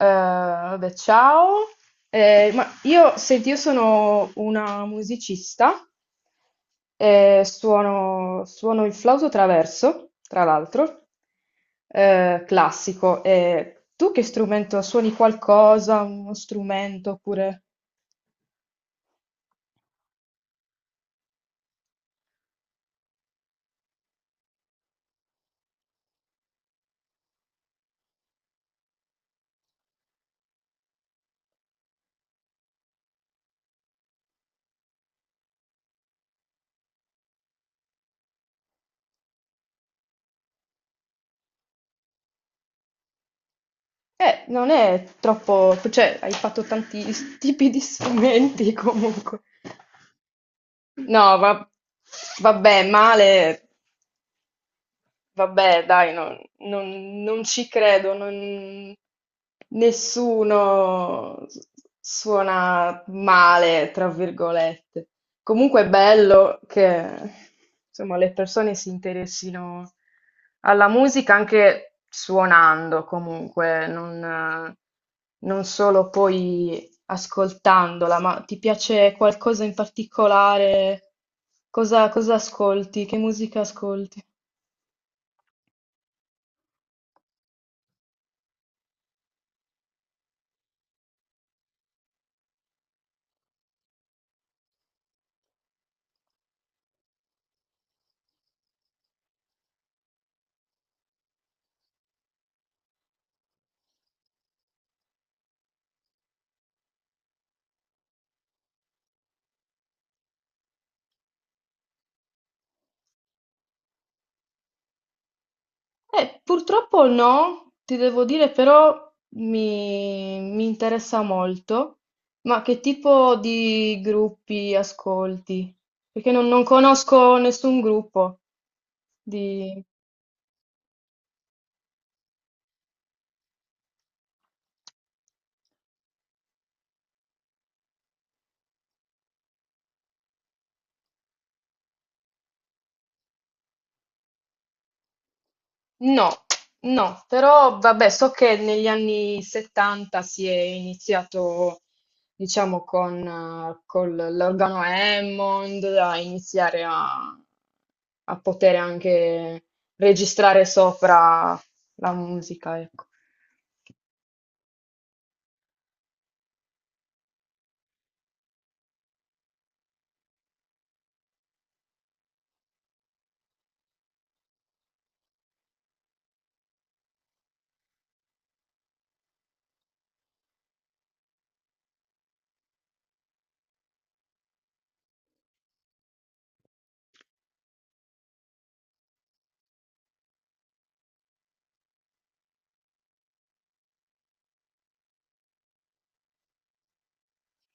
Ciao. Ma io, senti, io sono una musicista, suono il flauto traverso, tra l'altro, classico. E tu che strumento suoni qualcosa, uno strumento oppure... non è troppo... hai fatto tanti tipi di strumenti comunque. No, vabbè, male. Vabbè, dai, non ci credo, nessuno suona male, tra virgolette. Comunque è bello che, insomma, le persone si interessino alla musica anche suonando, comunque, non solo poi ascoltandola, ma ti piace qualcosa in particolare? Cosa ascolti? Che musica ascolti? Purtroppo no, ti devo dire però mi interessa molto, ma che tipo di gruppi ascolti? Perché non conosco nessun gruppo di... No, no, però vabbè, so che negli anni 70 si è iniziato, diciamo, con, l'organo Hammond a iniziare a, a poter anche registrare sopra la musica, ecco.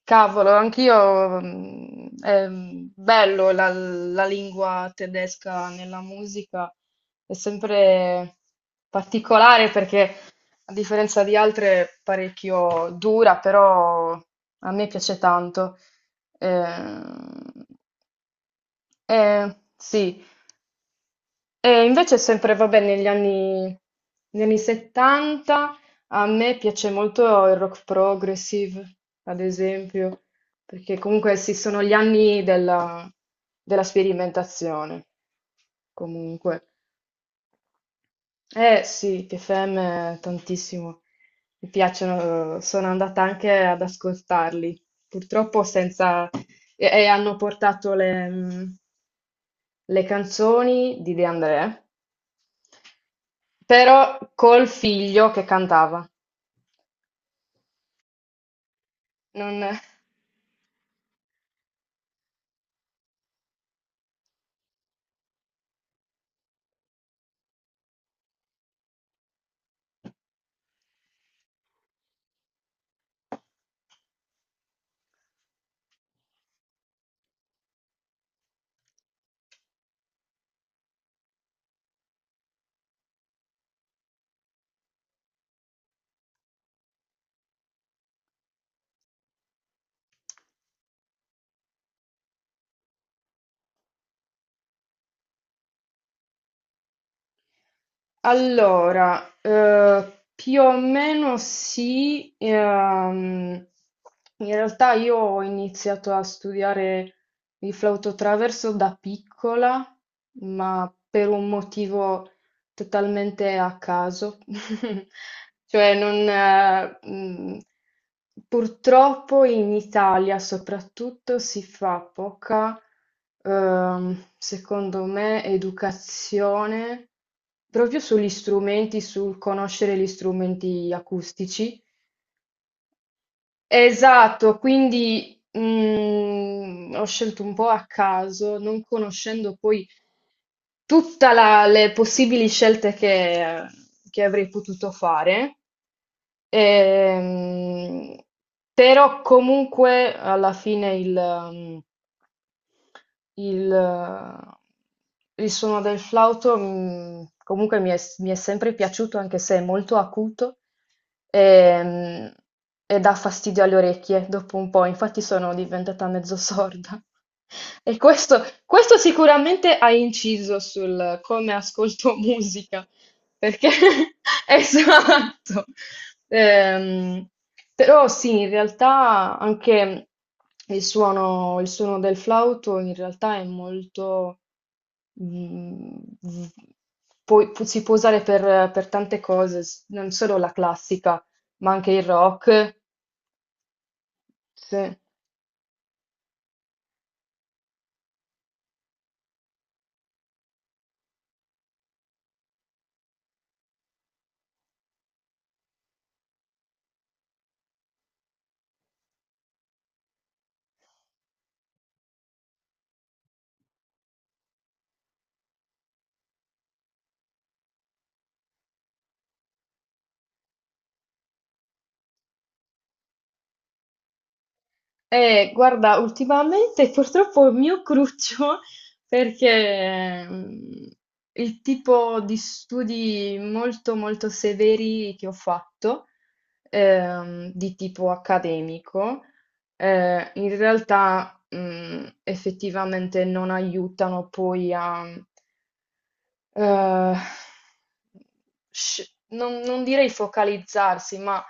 Cavolo, anch'io, mm, è bello la lingua tedesca nella musica, è sempre particolare perché a differenza di altre è parecchio dura, però a me piace tanto. Eh, sì, e invece è sempre, vabbè, negli anni 70 a me piace molto il rock progressive, ad esempio, perché comunque sì, sono gli anni della sperimentazione, comunque. Eh sì, TFM tantissimo, mi piacciono, sono andata anche ad ascoltarli, purtroppo senza... e hanno portato le canzoni di De André. Però col figlio che cantava. Non... Allora, più o meno sì, in realtà io ho iniziato a studiare il flauto traverso da piccola, ma per un motivo totalmente a caso. Cioè, non, purtroppo in Italia soprattutto si fa poca, secondo me, educazione proprio sugli strumenti, sul conoscere gli strumenti acustici. Esatto, quindi ho scelto un po' a caso, non conoscendo poi tutta la le possibili scelte che avrei potuto fare, ehm, però comunque alla fine il suono del flauto comunque mi è sempre piaciuto, anche se è molto acuto e, mm, e dà fastidio alle orecchie dopo un po', infatti sono diventata mezzo sorda. E questo sicuramente ha inciso sul come ascolto musica. Perché esatto. Ehm, però sì, in realtà anche il suono del flauto in realtà è molto... mm, v- poi si può usare per tante cose, non solo la classica, ma anche il rock. Sì. Guarda, ultimamente purtroppo è il mio cruccio perché il tipo di studi molto molto severi che ho fatto, di tipo accademico, in realtà effettivamente non aiutano poi a eh, non direi focalizzarsi, ma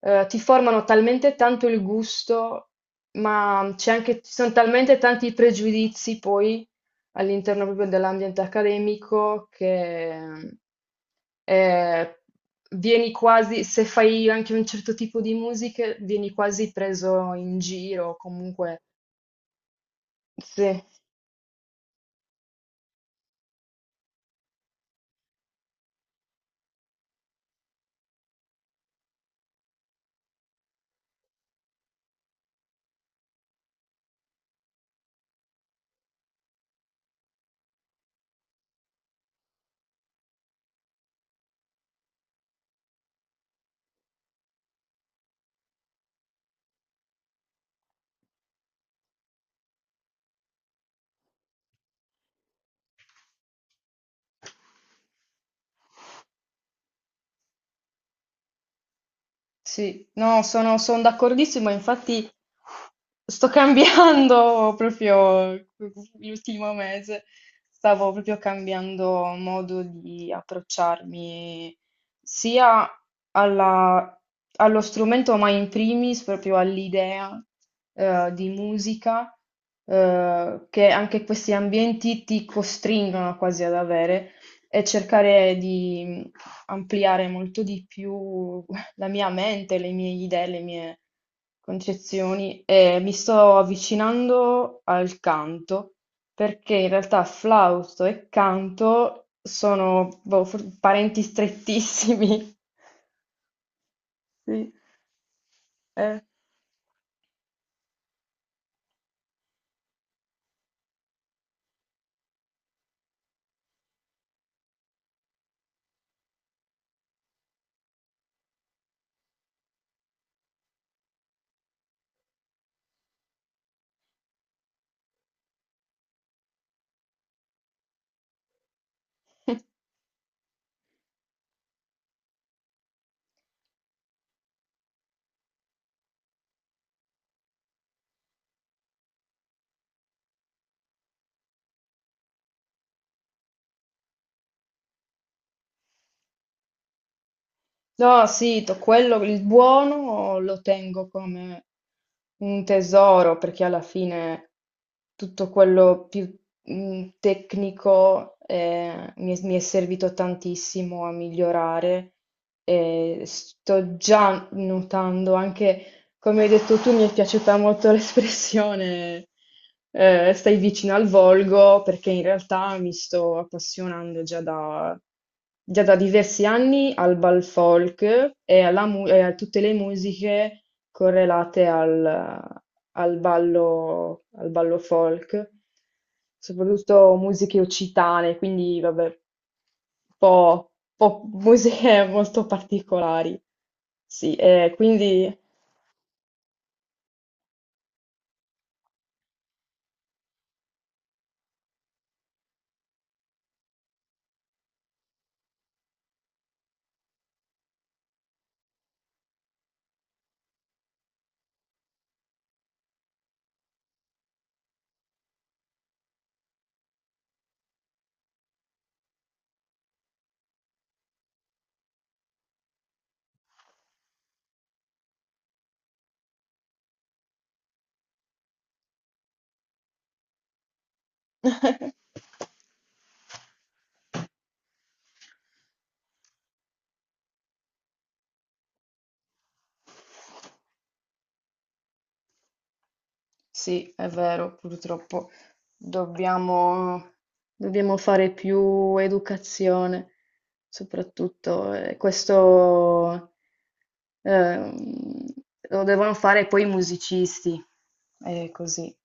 ti formano talmente tanto il gusto, ma ci sono talmente tanti pregiudizi poi all'interno proprio dell'ambiente accademico che eh, vieni quasi, se fai anche un certo tipo di musica, vieni quasi preso in giro, comunque. Sì, sì, no, sono d'accordissimo, infatti. Sto cambiando proprio l'ultimo mese, stavo proprio cambiando modo di approcciarmi sia alla- allo strumento, ma in primis proprio all'idea di musica che anche questi ambienti ti costringono quasi ad avere e cercare di ampliare molto di più la mia mente, le mie idee, le mie concezioni e mi sto avvicinando al canto perché in realtà flausto e canto sono boh, parenti strettissimi. Sì. Eh. No, sì, quello, il buono lo tengo come un tesoro perché alla fine tutto quello più tecnico mi è servito tantissimo a migliorare e sto già notando anche come hai detto tu, mi è piaciuta molto l'espressione stai vicino al volgo, perché in realtà mi sto appassionando già da diversi anni al bal folk alla e a tutte le musiche correlate al ballo folk, soprattutto musiche occitane, quindi vabbè, un po' musiche molto particolari. Sì, e quindi... Sì, è vero, purtroppo dobbiamo, dobbiamo fare più educazione, soprattutto questo ehm, lo devono fare poi i musicisti, è così.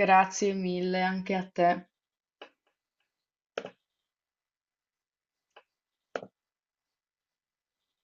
Grazie mille anche a te.